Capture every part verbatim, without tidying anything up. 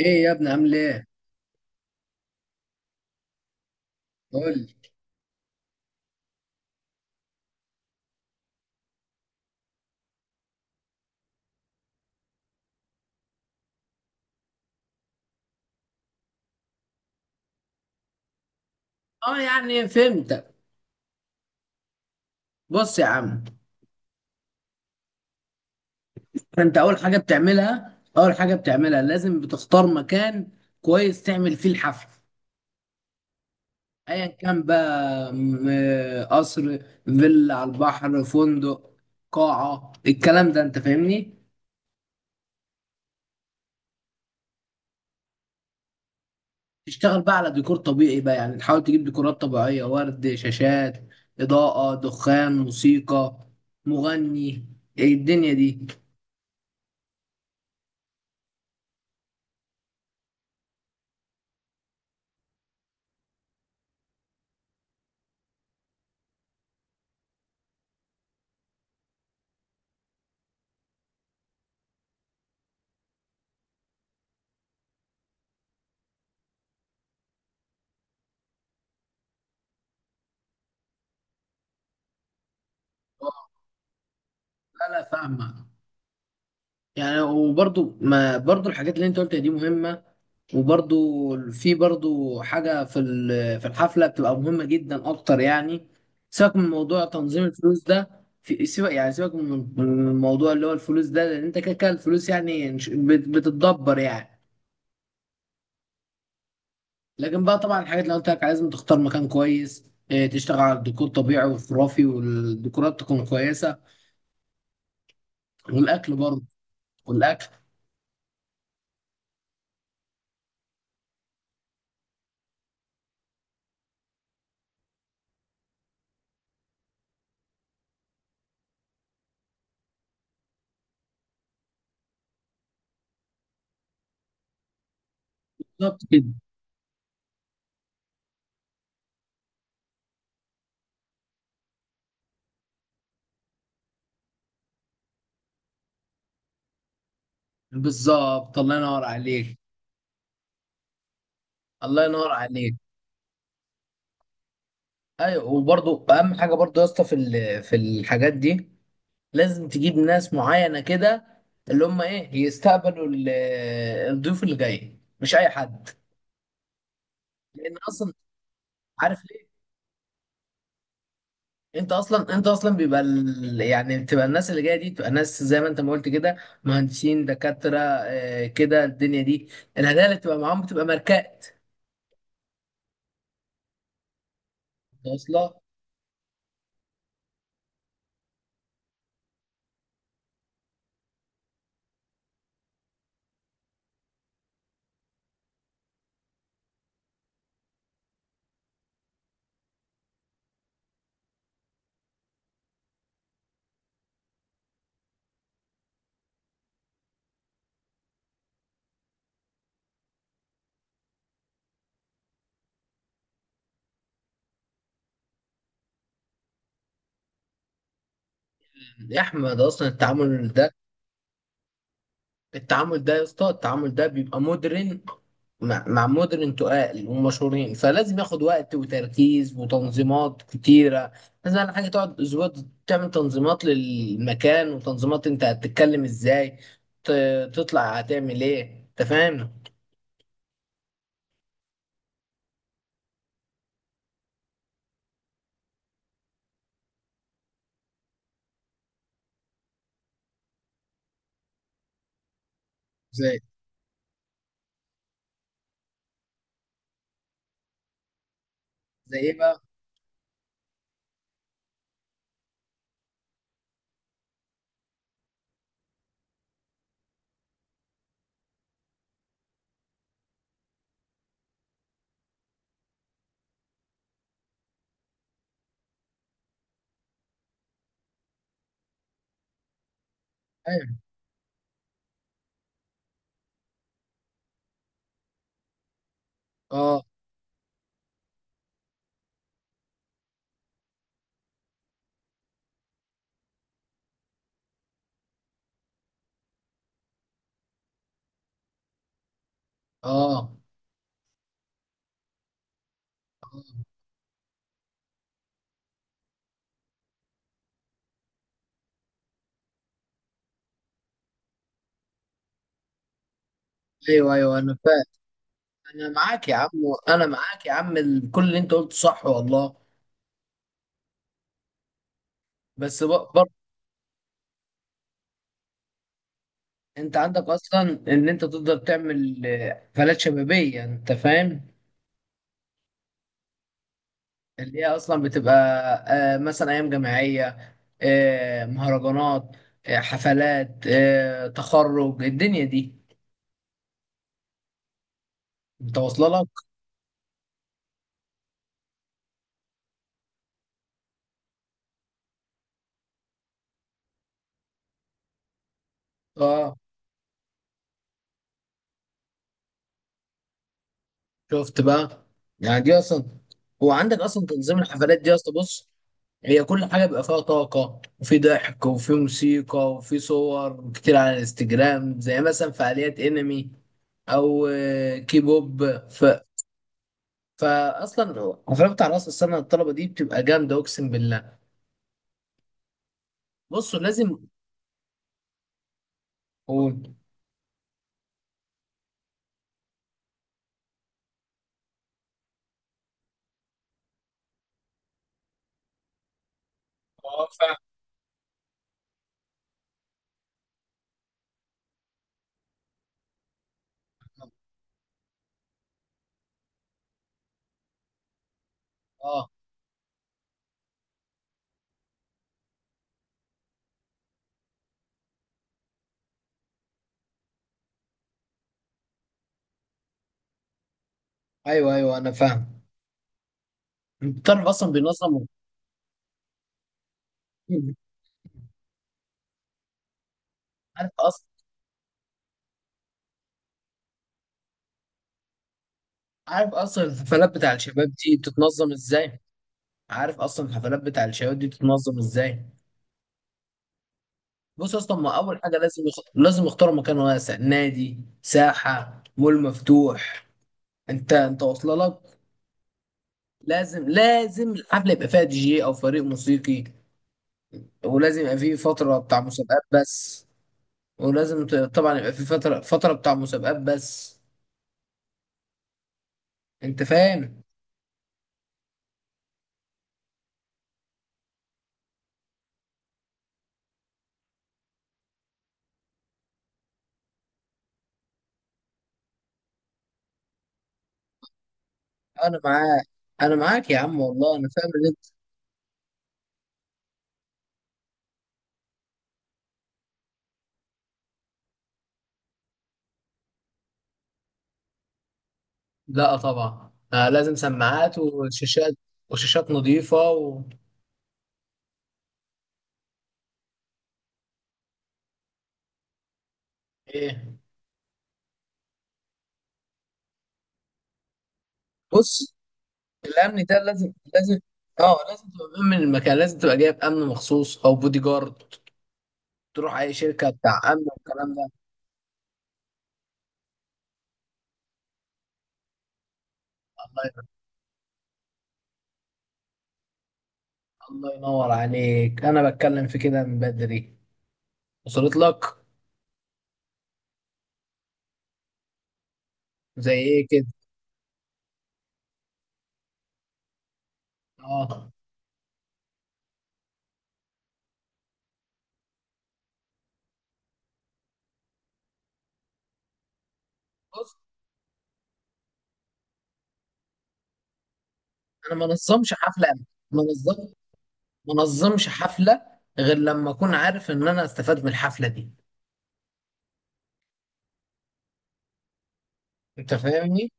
ايه يا ابني، عامل ايه؟ قول لي. اه يعني فهمتك. بص يا عم، انت اول حاجه بتعملها، اول حاجه بتعملها لازم بتختار مكان كويس تعمل فيه الحفل. ايا كان بقى م- قصر، فيلا على البحر، فندق، قاعه. الكلام ده، انت فاهمني. تشتغل بقى على ديكور طبيعي، بقى يعني تحاول تجيب ديكورات طبيعيه، ورد، شاشات، اضاءه، دخان، موسيقى، مغني. إيه الدنيا دي؟ اه. لا لا، فاهمه. يعني وبرضو ما برضو الحاجات اللي انت قلتها دي مهمة. وبرضو، في برضو حاجة في ال- في الحفلة بتبقى مهمة جدا اكتر يعني. سيبك من موضوع تنظيم الفلوس ده، في سيبك يعني سيبك من من الموضوع اللي هو الفلوس ده، لان انت كده كده الفلوس يعني مش- بت- بتتدبر يعني. لكن بقى طبعا، الحاجات اللي قلت لك، لازم تختار مكان كويس، اه، تشتغل على الديكور طبيعي وخرافي، والديكورات تكون كويسة، والاكل برضو، والاكل بالظبط كده. بالظبط، الله ينور عليك. الله ينور عليك. ايوه، وبرضو اهم حاجه برضو يا اسطى في ال- في الحاجات دي، لازم تجيب ناس معينه كده، اللي هم ايه، يستقبلوا ال- الضيوف اللي جاي، مش اي حد. لان اصلا، عارف ليه، انت اصلا انت اصلا بيبقى ال... يعني بتبقى الناس اللي جايه دي بتبقى ناس زي ما انت ما قلت كده، مهندسين، دكاتره، آه، كده الدنيا دي. الهدايا اللي بتبقى معاهم بتبقى ماركات واصله. يا احمد، اصلا التعامل ده التعامل ده يا اسطى، التعامل ده بيبقى مودرن، مع, مع مودرن تقال ومشهورين، فلازم ياخد وقت وتركيز وتنظيمات كتيرة. لازم على حاجة تقعد أسبوع، تعمل تنظيمات للمكان، وتنظيمات أنت هتتكلم إزاي، ت- تطلع هتعمل إيه. أنت فاهم؟ زي زي إيه بقى؟ فاهم. آه آه آه. أيوه أيوه، أنا فاهم. أنا معاك يا عم. أنا معاك يا عم، ال- كل اللي أنت قلته صح والله. بس ب- انت عندك اصلا، ان انت تقدر تعمل آه، حفلات شبابيه. انت فاهم، اللي هي اصلا بتبقى آه، مثلا ايام جامعيه، آه، مهرجانات، آه، حفلات آه، تخرج الدنيا دي. انت واصله لك. اه، شفت بقى. يعني دي اصلا، هو عندك اصلا تنظيم الحفلات دي اصلا. بص، هي كل حاجه بيبقى فيها طاقه، وفي ضحك، وفي موسيقى، وفي صور كتير على الانستجرام، زي مثلا فعاليات انمي، او آه، كيبوب. ف... فاصلا حفلات بتاع راس السنه الطلبه دي بتبقى جامده، اقسم بالله. بصوا لازم اقول. اه فاهم. اه. ايوه ايوه، انا فاهم. انت تعرف اصلا بينظم. عارف اصلا عارف اصلا الحفلات بتاع الشباب دي بتتنظم ازاي. عارف اصلا الحفلات بتاع الشباب دي بتتنظم ازاي. بص، اصلا ما اول حاجه، لازم يخ... لازم يختاروا مكان واسع، نادي، ساحه، مول مفتوح. انت انت واصله لك. لازم لازم الحفله يبقى فيها دي جي او فريق موسيقي. ولازم يبقى فيه فتره بتاع مسابقات بس. ولازم ت- طبعا يبقى فيه فتره فتره بتاع مسابقات بس. انت فاهم. انا معاك. انا معاك يا عم والله، انا فاهم اللي انت. لا طبعا، آه لازم سماعات وشاشات، وشاشات نظيفه و... ايه؟ بص، الامن ده لازم لازم. اه، لازم تبقى مأمن المكان، لازم تبقى جايب امن مخصوص او بودي جارد، تروح اي شركه بتاع امن والكلام ده. الله. الله ينور عليك، انا بتكلم في كده من بدري، وصلت لك. زي ايه كده. اه. بص، انا ما نظمش حفله، ما نظم ما نظمش حفله غير لما اكون عارف ان انا استفاد من الحفله دي، انت فاهمني،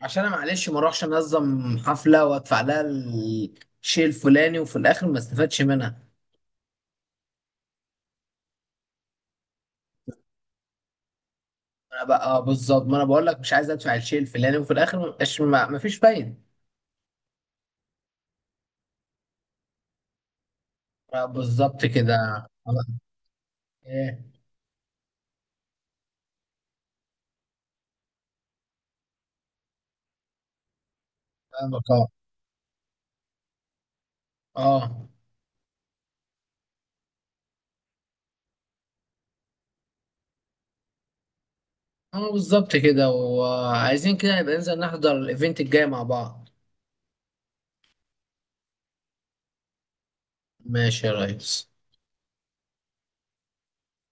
عشان انا معلش ما اروحش انظم حفله وادفع لها الشيء الفلاني، وفي الاخر ما استفادش منها. انا بقى آه بالظبط، ما انا بقول لك، مش عايز ادفع الشيء الفلاني، وفي الاخر ما بقاش، ما ما فيش فايده. آه بالظبط كده آه، ايه؟ فاهمك. اه. اه. آه، بالظبط كده، وعايزين كده نبقى ننزل نحضر الايفنت الجاي مع بعض. ماشي يا ريس.